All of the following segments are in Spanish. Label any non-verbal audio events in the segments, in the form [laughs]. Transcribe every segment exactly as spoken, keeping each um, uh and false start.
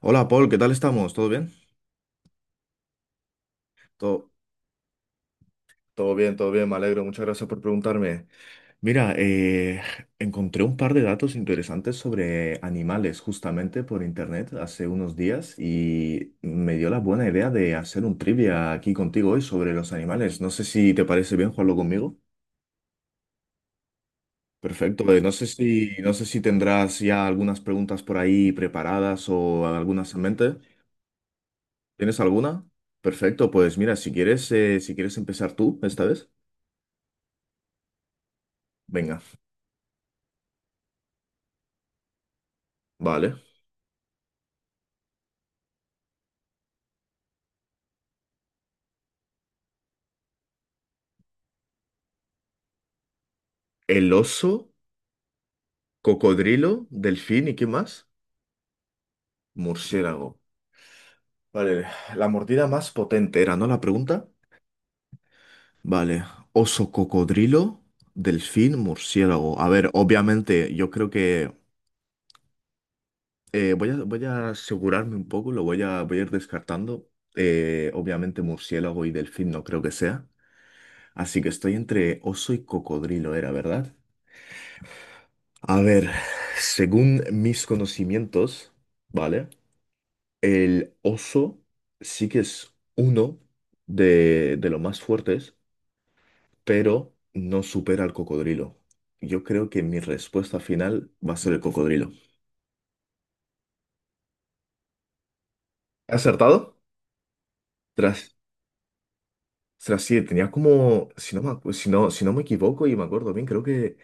Hola Paul, ¿qué tal estamos? ¿Todo bien? Todo, todo bien, Todo bien, me alegro. Muchas gracias por preguntarme. Mira, eh, encontré un par de datos interesantes sobre animales justamente por internet hace unos días y me dio la buena idea de hacer un trivia aquí contigo hoy sobre los animales. No sé si te parece bien jugarlo conmigo. Perfecto. eh, no sé si, no sé si tendrás ya algunas preguntas por ahí preparadas o algunas en mente. ¿Tienes alguna? Perfecto. Pues mira, si quieres, eh, si quieres empezar tú esta vez, venga. Vale. El oso, cocodrilo, delfín y ¿qué más? Murciélago. Vale, la mordida más potente era, ¿no? La pregunta. Vale, oso, cocodrilo, delfín, murciélago. A ver, obviamente, yo creo que eh, voy a, voy a asegurarme un poco, lo voy a, voy a ir descartando. Eh, obviamente, murciélago y delfín no creo que sea. Así que estoy entre oso y cocodrilo, era, ¿verdad? A ver, según mis conocimientos, ¿vale? El oso sí que es uno de, de los más fuertes, pero no supera al cocodrilo. Yo creo que mi respuesta final va a ser el cocodrilo. ¿He acertado? Tras, tras sí, tenía como, si no me, acu- si no, si no me equivoco y me acuerdo bien, creo que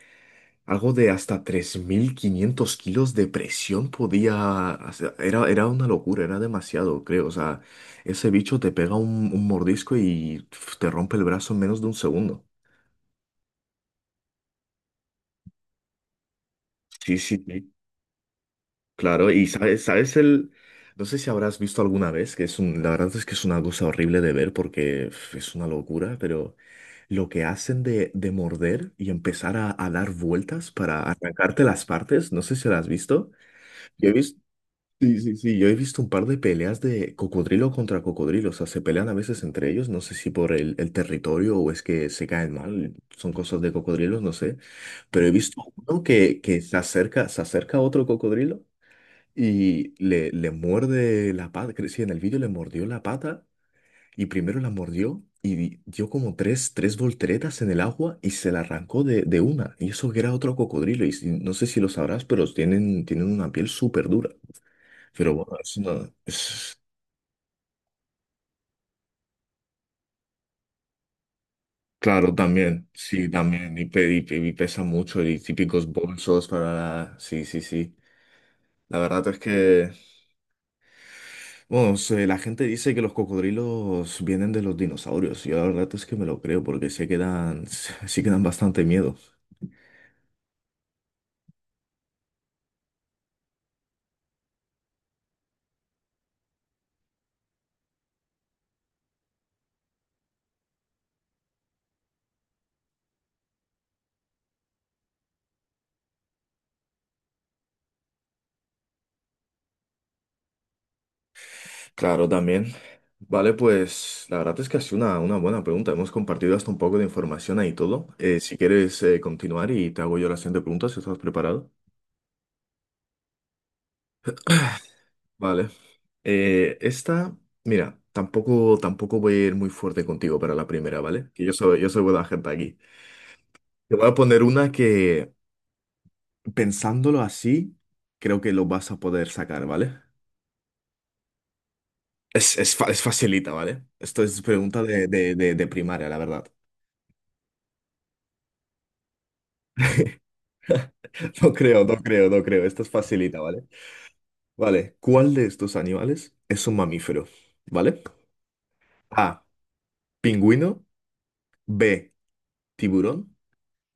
algo de hasta tres mil quinientos kilos de presión podía hacer. Era, era una locura, era demasiado, creo. O sea, ese bicho te pega un, un mordisco y pf, te rompe el brazo en menos de un segundo. Sí, sí, sí, claro. Y sabes, sabes el, no sé si habrás visto alguna vez, que es un, la verdad es que es una cosa horrible de ver porque uf, es una locura, pero lo que hacen de, de morder y empezar a, a dar vueltas para arrancarte las partes, no sé si lo has visto. Yo he visto, sí, sí, sí, yo he visto un par de peleas de cocodrilo contra cocodrilo, o sea, se pelean a veces entre ellos, no sé si por el, el territorio o es que se caen mal, son cosas de cocodrilos, no sé, pero he visto uno que, que se acerca, se acerca a otro cocodrilo. Y le, le muerde la pata, creo sí, en el vídeo le mordió la pata y primero la mordió y di- dio como tres, tres volteretas en el agua y se la arrancó de, de una. Y eso que era otro cocodrilo y si- no sé si lo sabrás, pero tienen, tienen una piel súper dura. Pero bueno, es una- es- claro, también, sí, también, y, pe- y pe- y pesa mucho y típicos bolsos para... la- Sí, sí, sí. La verdad es que... Bueno, se- la gente dice que los cocodrilos vienen de los dinosaurios. Yo la verdad es que me lo creo porque sí que dan, [laughs] sí que dan bastante miedo. Claro, también. Vale, pues la verdad es que ha sido una, una buena pregunta. Hemos compartido hasta un poco de información ahí todo. Eh, si quieres eh, continuar y te hago yo la siguiente pregunta, si estás preparado. Vale. Eh, esta, Mira, tampoco, tampoco voy a ir muy fuerte contigo para la primera, ¿vale? Que yo soy, yo soy buena gente aquí. Te voy a poner una que pensándolo así, creo que lo vas a poder sacar, ¿vale? Es, es, fa- es facilita, ¿vale? Esto es pregunta de, de, de, de primaria, la verdad. [laughs] No creo, no creo, no creo. Esto es facilita, ¿vale? Vale, ¿cuál de estos animales es un mamífero? ¿Vale? A, pingüino, B, tiburón,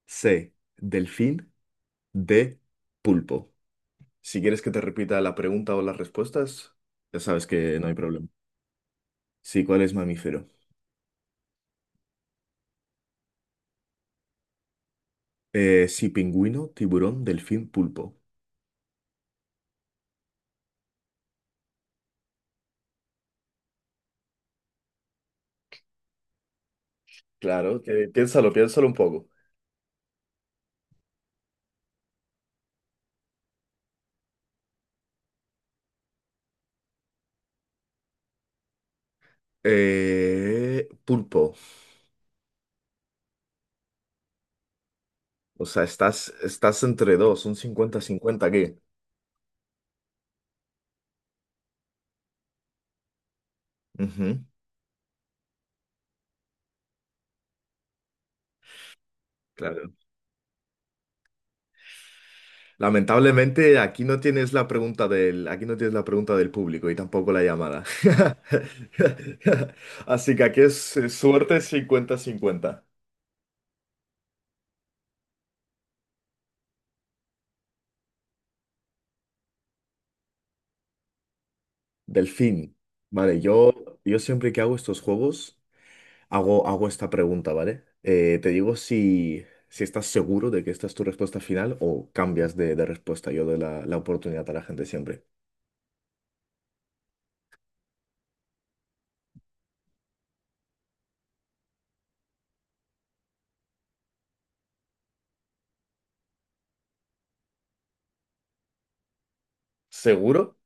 C, delfín, D, pulpo. Si quieres que te repita la pregunta o las respuestas, ya sabes que no hay problema. Sí, ¿cuál es mamífero? Eh, sí, pingüino, tiburón, delfín, pulpo. Claro, que- piénsalo, piénsalo un poco. Eh, pulpo. O sea, estás, estás entre dos, un cincuenta-cincuenta aquí. Ujú, claro. Lamentablemente aquí no tienes la pregunta del, aquí no tienes la pregunta del público y tampoco la llamada. [laughs] Así que aquí es eh, suerte cincuenta-cincuenta. Delfín. Vale, yo, yo siempre que hago estos juegos. Hago, hago esta pregunta, ¿vale? Eh, te digo si, si estás seguro de que esta es tu respuesta final o cambias de, de respuesta. Yo doy la, la oportunidad a la gente siempre. ¿Seguro?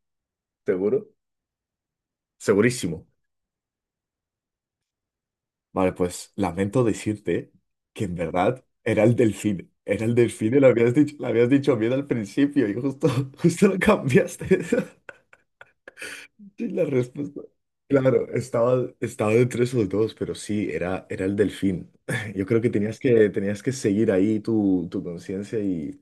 ¿Seguro? Segurísimo. Vale, pues lamento decirte que en verdad era el delfín. Era el delfín y lo habías dicho, lo habías dicho bien al principio y justo, [laughs] justo lo cambiaste. Sí, la respuesta. Claro, estaba, estaba entre esos dos, pero sí, era, era el delfín. [laughs] Yo creo que tenías que, tenías que seguir ahí tu, tu conciencia y...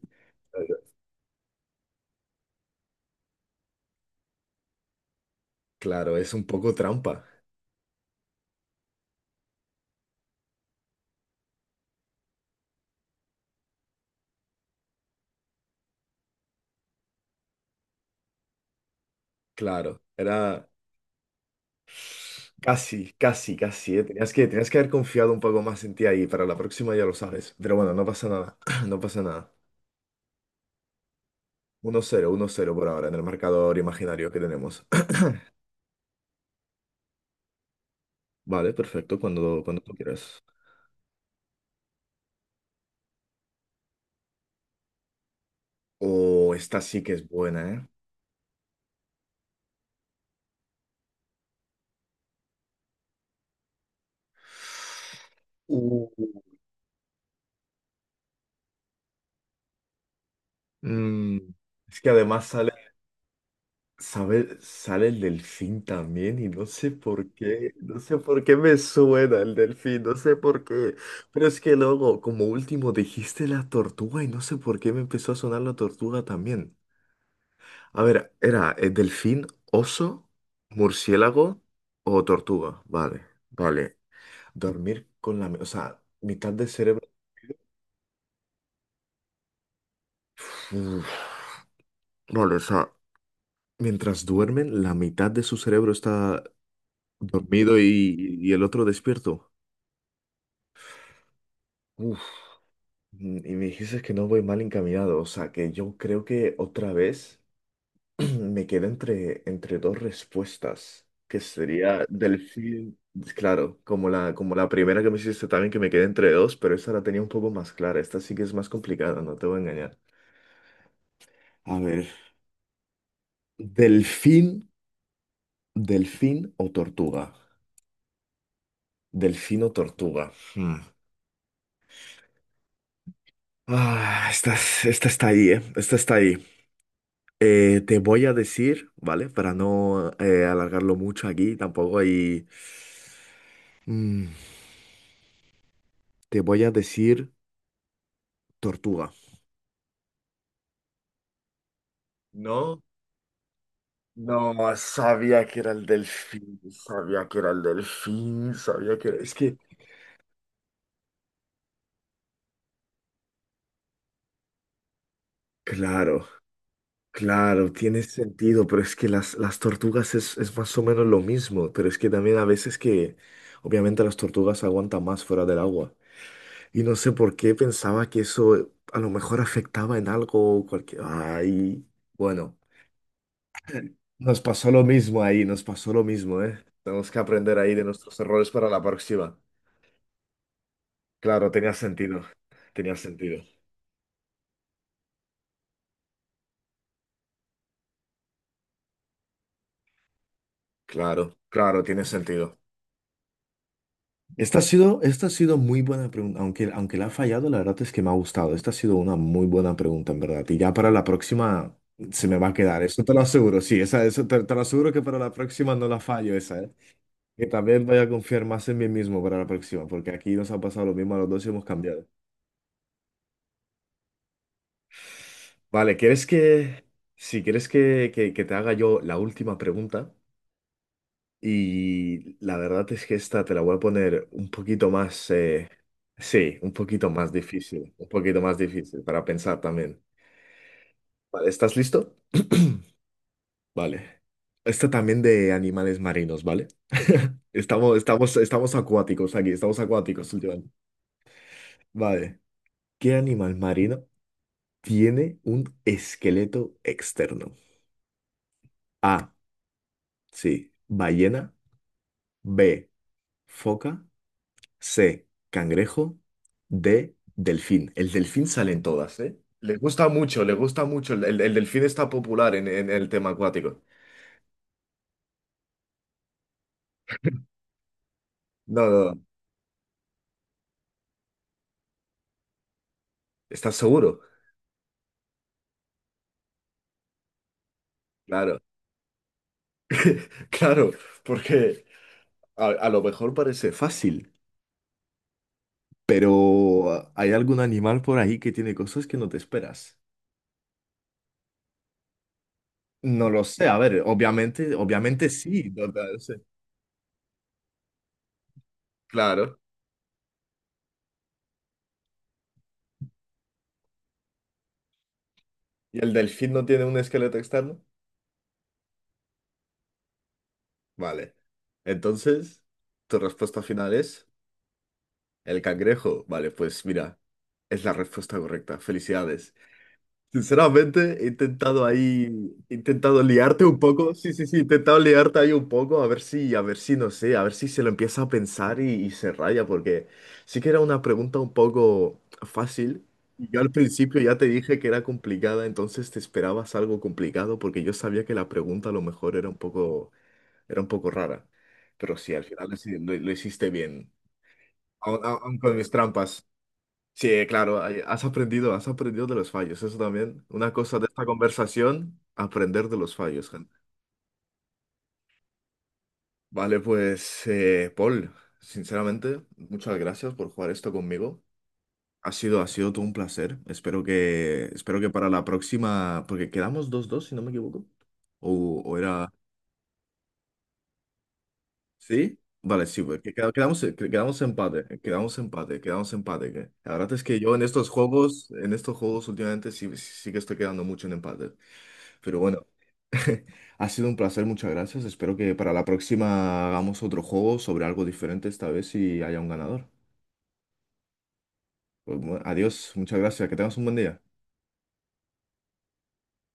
Claro, es un poco trampa. Claro, era casi, casi, casi. Eh. Tenías que, tenías que haber confiado un poco más en ti ahí. Para la próxima ya lo sabes. Pero bueno, no pasa nada. [clears throat] No pasa nada. Uno cero uno cero por ahora en el marcador imaginario que tenemos. [clears throat] Vale, perfecto, cuando, cuando tú quieras. Oh, esta sí que es buena, ¿eh? Uh, mm, es que además sale, sabe- sale el delfín también y no sé por qué, no sé por qué me suena el delfín, no sé por qué. Pero es que luego, como último, dijiste la tortuga y no sé por qué me empezó a sonar la tortuga también. A ver, era eh, delfín, oso, murciélago o tortuga. Vale, vale. Dormir con la... mi- O sea, mitad de cerebro. Uf, vale, o sea, mientras duermen, la mitad de su cerebro está dormido y, y el otro despierto. Uf, mm, y me dijiste que no voy mal encaminado, o sea que yo creo que otra vez [clears throat] me quedo entre, entre dos respuestas, que sería delfín, claro, como la, como la primera que me hiciste también que me quedé entre dos, pero esa la tenía un poco más clara, esta sí que es más complicada, no te voy a engañar. A ver, delfín, delfín o tortuga. Delfín o tortuga. Hmm. Ah, esta, es- esta está ahí, ¿eh? Esta está ahí. Eh, te voy a decir, ¿vale? Para no eh, alargarlo mucho aquí, tampoco hay... Mm, te voy a decir tortuga. No, no, sabía que era el delfín, sabía que era el delfín, sabía que era... Es que, claro, claro, tiene sentido, pero es que las, las tortugas es, es más o menos lo mismo, pero es que también a veces que, obviamente las tortugas aguantan más fuera del agua. Y no sé por qué pensaba que eso eh, a lo mejor afectaba en algo o cualquier... Ay, bueno, nos pasó lo mismo ahí, nos pasó lo mismo, ¿eh? Tenemos que aprender ahí de nuestros errores para la próxima. Claro, tenía sentido, tenía sentido. Claro, claro, tiene sentido. Esta ha sido, esta ha sido muy buena pregunta, aunque, aunque la ha fallado, la verdad es que me ha gustado. Esta ha sido una muy buena pregunta, en verdad. Y ya para la próxima se me va a quedar, eso te lo aseguro, sí, esa, eso te, te lo aseguro que para la próxima no la fallo esa, ¿eh? Que tal vez vaya a confiar más en mí mismo para la próxima, porque aquí nos ha pasado lo mismo a los dos y hemos cambiado. Vale, ¿quieres que, si quieres que, que, que te haga yo la última pregunta? Y la verdad es que esta te la voy a poner un poquito más, eh, sí, un poquito más difícil, un poquito más difícil para pensar también. Vale, ¿estás listo? [clears throat] Vale. Esta también de animales marinos, ¿vale? [laughs] Estamos, estamos, estamos acuáticos aquí, estamos acuáticos últimamente. Vale. ¿Qué animal marino? Tiene un esqueleto externo. A. Sí, ballena. B. Foca. C. Cangrejo. D. Delfín. El delfín sale en todas, ¿eh? Les gusta mucho, le gusta mucho. El, el- el delfín está popular en, en el tema acuático. No, no, no. ¿Estás seguro? Claro, [laughs] claro, porque a, a lo mejor parece fácil, pero hay algún animal por ahí que tiene cosas que no te esperas. No lo sé, a ver, obviamente, obviamente sí. Claro. ¿Y el delfín no tiene un esqueleto externo? Vale. Entonces, tu respuesta final es el cangrejo. Vale, pues mira, es la respuesta correcta. Felicidades. Sinceramente, he intentado ahí, he intentado liarte un poco. Sí, sí, sí, he intentado liarte ahí un poco, a ver si, a ver si, no sé, a ver si se lo empieza a pensar y, y se raya, porque sí que era una pregunta un poco fácil. Y yo al principio ya te dije que era complicada, entonces te esperabas algo complicado, porque yo sabía que la pregunta a lo mejor era un poco, era un poco rara. Pero sí, al final lo, lo hiciste bien, aun aun- aun con mis trampas. Sí, claro, hay- has aprendido, has aprendido de los fallos, eso también. Una cosa de esta conversación, aprender de los fallos, gente. Vale, pues, eh, Paul, sinceramente, muchas gracias por jugar esto conmigo. Ha sido, ha sido todo un placer. Espero que, espero que para la próxima, porque quedamos dos dos, si no me equivoco. O, o era ¿sí? Vale, sí, pues, que queda- quedamos, eh, que- quedamos empate, eh, quedamos empate, quedamos empate. que- La verdad es que yo en estos juegos, en estos juegos últimamente sí, sí sí que estoy quedando mucho en empate. Pero bueno, ha sido un placer, muchas gracias. Espero que para la próxima hagamos otro juego sobre algo diferente esta vez y haya un ganador. Pues, bueno, adiós, muchas gracias, que tengas un buen día.